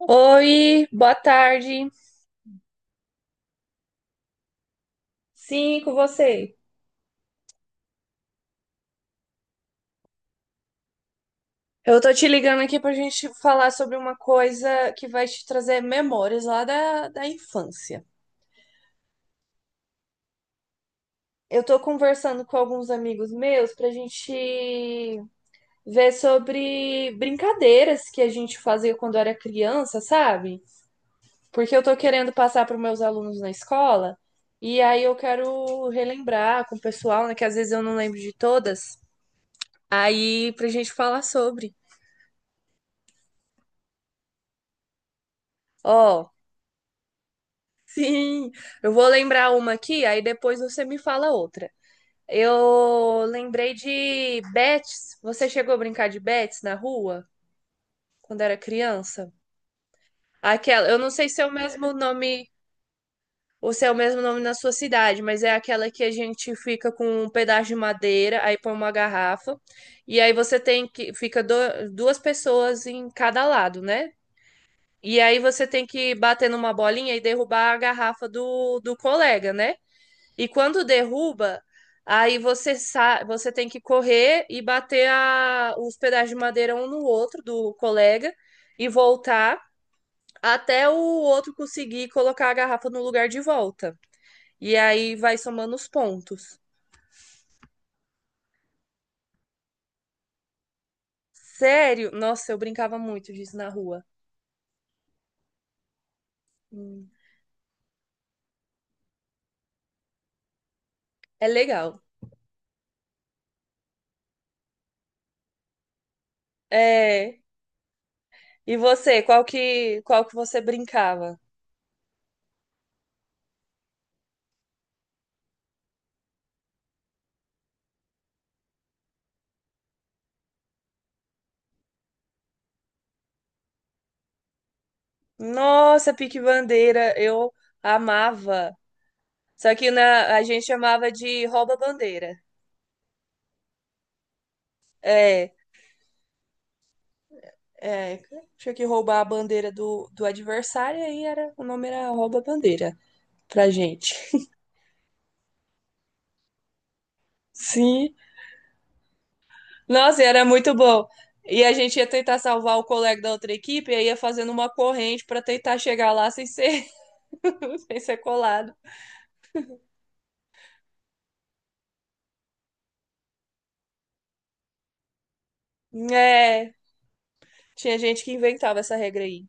Oi, boa tarde. Sim, com você. Eu tô te ligando aqui pra gente falar sobre uma coisa que vai te trazer memórias lá da infância. Eu tô conversando com alguns amigos meus pra gente ver sobre brincadeiras que a gente fazia quando era criança, sabe? Porque eu tô querendo passar para meus alunos na escola e aí eu quero relembrar com o pessoal, né, que às vezes eu não lembro de todas. Aí pra gente falar sobre. Ó, sim, eu vou lembrar uma aqui, aí depois você me fala outra. Eu lembrei de bets. Você chegou a brincar de bets na rua quando era criança? Aquela, eu não sei se é o mesmo nome ou se é o mesmo nome na sua cidade, mas é aquela que a gente fica com um pedaço de madeira, aí põe uma garrafa e aí você tem que duas pessoas em cada lado, né? E aí você tem que bater numa bolinha e derrubar a garrafa do colega, né? E quando derruba, aí você sa você tem que correr e bater os pedaços de madeira um no outro do colega e voltar até o outro conseguir colocar a garrafa no lugar de volta. E aí vai somando os pontos. Sério? Nossa, eu brincava muito disso na rua. Hum, É legal. É. E você, qual que você brincava? Nossa, pique bandeira, eu amava. Só que a gente chamava de rouba-bandeira. É, é, tinha que roubar a bandeira do adversário e aí era, o nome era rouba-bandeira pra gente. Sim. Nossa, e era muito bom. E a gente ia tentar salvar o colega da outra equipe e aí ia fazendo uma corrente pra tentar chegar lá sem ser, sem ser colado. É, tinha gente que inventava essa regra aí.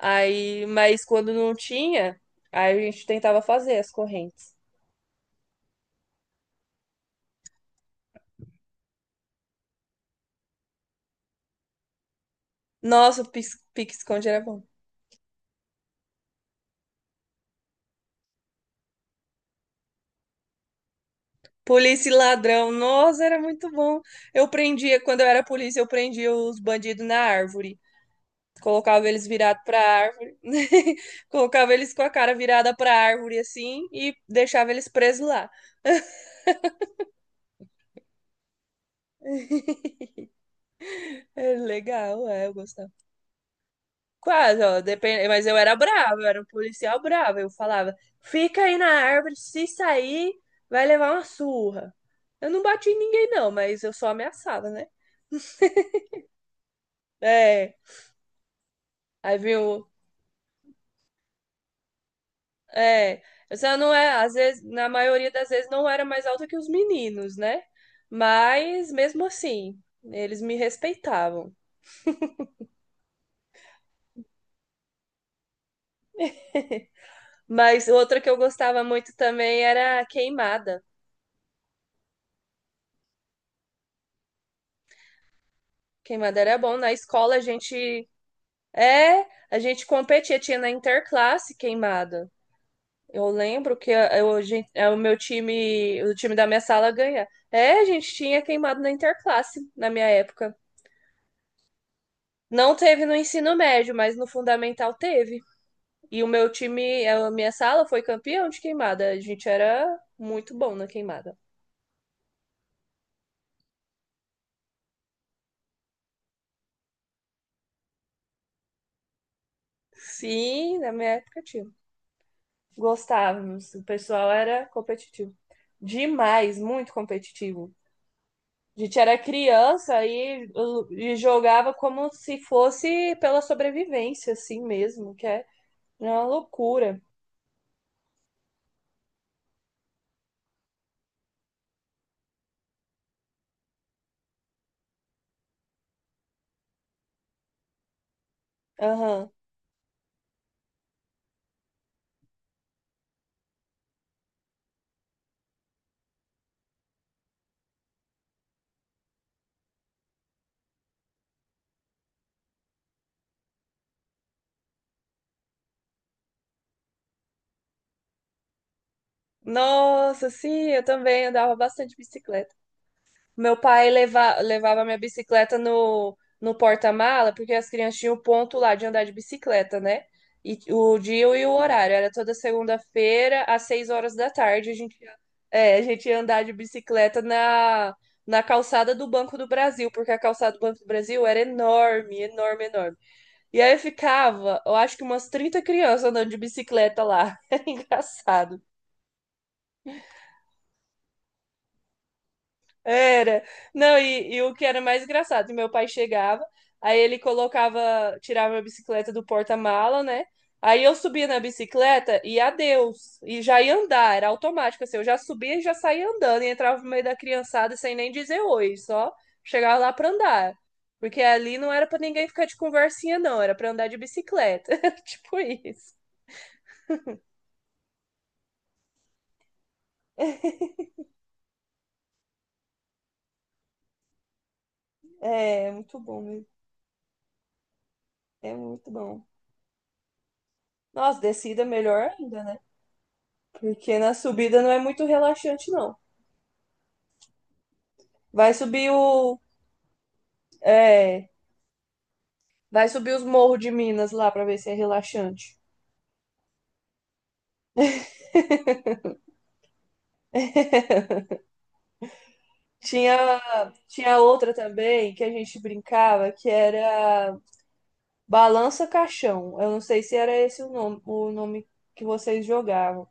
Aí, mas quando não tinha, aí a gente tentava fazer as correntes. Nossa, o pique-esconde era bom. Polícia e ladrão. Nossa, era muito bom. Eu prendia, quando eu era polícia, eu prendia os bandidos na árvore. Colocava eles virados pra árvore. Colocava eles com a cara virada pra árvore, assim, e deixava eles presos lá. É legal, é, eu gostava. Quase, ó, depende, mas eu era brava, eu era um policial bravo. Eu falava, fica aí na árvore, se sair, vai levar uma surra. Eu não bati em ninguém, não, mas eu só ameaçava, né? É. Aí vinha o é, essa não é, às vezes, na maioria das vezes não era mais alta que os meninos, né? Mas mesmo assim, eles me respeitavam. Mas outra que eu gostava muito também era a queimada. Queimada era bom. Na escola a gente é, a gente competia, tinha na interclasse queimada. Eu lembro que é, o meu time, o time da minha sala ganha. É, a gente tinha queimado na interclasse na minha época. Não teve no ensino médio, mas no fundamental teve. E o meu time, a minha sala foi campeão de queimada. A gente era muito bom na queimada. Sim, na minha época tinha. Gostávamos. O pessoal era competitivo. Demais, muito competitivo. A gente era criança e jogava como se fosse pela sobrevivência, assim mesmo, que é uma loucura. Aham. Nossa, sim, eu também andava bastante de bicicleta. Meu pai levava minha bicicleta no porta-mala, porque as crianças tinham ponto lá de andar de bicicleta, né? E o dia e o horário. Era toda segunda-feira, às 6 horas da tarde, é, a gente ia andar de bicicleta na calçada do Banco do Brasil, porque a calçada do Banco do Brasil era enorme, enorme, enorme. E aí ficava, eu acho que umas 30 crianças andando de bicicleta lá. Era engraçado. Era. Não, e o que era mais engraçado, meu pai chegava, aí ele colocava, tirava a bicicleta do porta-mala, né? Aí eu subia na bicicleta e adeus, e já ia andar, era automático, assim, eu já subia e já saía andando, e entrava no meio da criançada sem nem dizer oi, só chegava lá pra andar. Porque ali não era pra ninguém ficar de conversinha, não, era pra andar de bicicleta. Tipo isso. É, muito bom, mesmo. É muito bom. Nossa, descida é melhor ainda, né? Porque na subida não é muito relaxante, não. Vai subir o. É, vai subir os morros de Minas lá pra ver se é relaxante. Tinha, tinha outra também que a gente brincava que era Balança Caixão. Eu não sei se era esse o nome que vocês jogavam.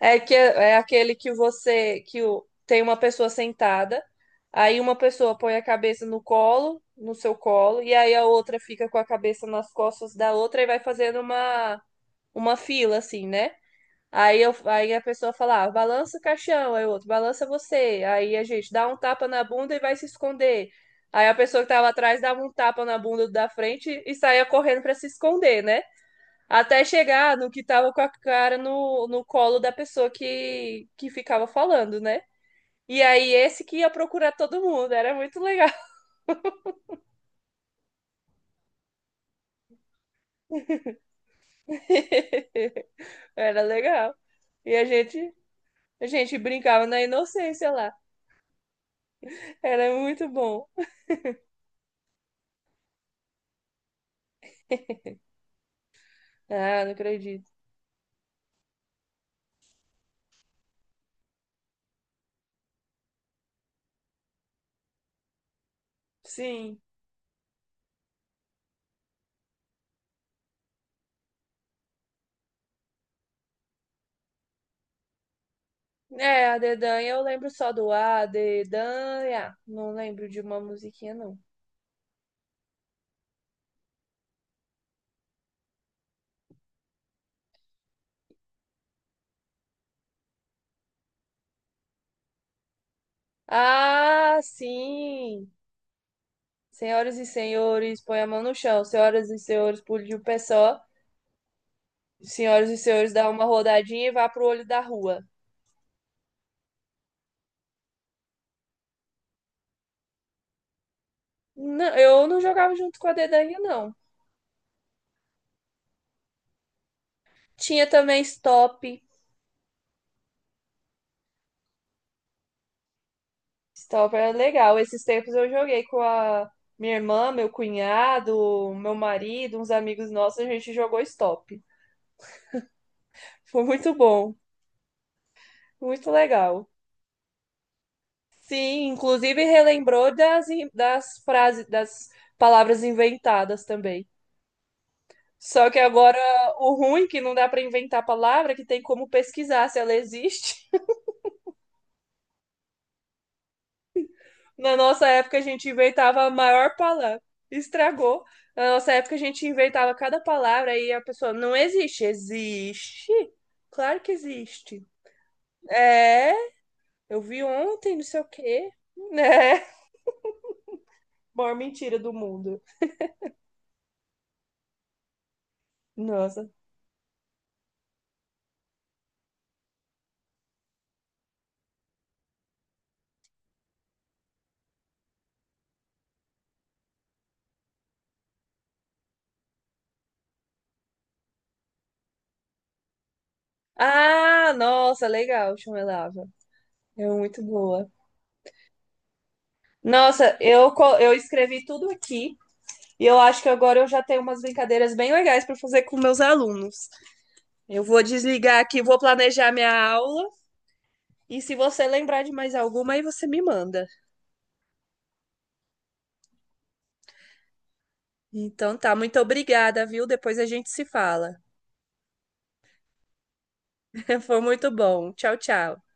É que é aquele que tem uma pessoa sentada, aí uma pessoa põe a cabeça no colo, no seu colo, e aí a outra fica com a cabeça nas costas da outra e vai fazendo uma fila, assim, né? Aí a pessoa fala, ah, balança o caixão, aí o outro, balança você. Aí a gente dá um tapa na bunda e vai se esconder. Aí a pessoa que tava atrás dava um tapa na bunda da frente e saía correndo pra se esconder, né? Até chegar no que tava com a cara no colo da pessoa que ficava falando, né? E aí esse que ia procurar todo mundo, era muito legal. Era legal. E a gente, a gente brincava na inocência lá. Era muito bom. Ah, não acredito. Sim. É, a Dedanha eu lembro só do A Dedanha. Não lembro de uma musiquinha, não. Ah, sim! Senhoras e senhores, põe a mão no chão. Senhoras e senhores, pule de um pé só. Senhoras e senhores, dá uma rodadinha e vá pro olho da rua. Não, eu não jogava junto com a Dedanha, não. Tinha também Stop. Stop era legal. Esses tempos eu joguei com a minha irmã, meu cunhado, meu marido, uns amigos nossos, a gente jogou Stop. Foi muito bom, muito legal. Sim, inclusive relembrou das frases, das palavras inventadas também. Só que agora o ruim é que não dá para inventar palavra, que tem como pesquisar se ela existe. Na nossa época a gente inventava a maior palavra. Estragou. Na nossa época a gente inventava cada palavra e a pessoa não existe. Existe? Claro que existe. É, eu vi ontem, não sei o quê. Né? Maior mentira do mundo. Nossa. Ah, nossa, legal, chumelava. É muito boa. Nossa, eu escrevi tudo aqui e eu acho que agora eu já tenho umas brincadeiras bem legais para fazer com meus alunos. Eu vou desligar aqui, vou planejar minha aula e se você lembrar de mais alguma, aí você me manda. Então tá, muito obrigada, viu? Depois a gente se fala. Foi muito bom. Tchau, tchau.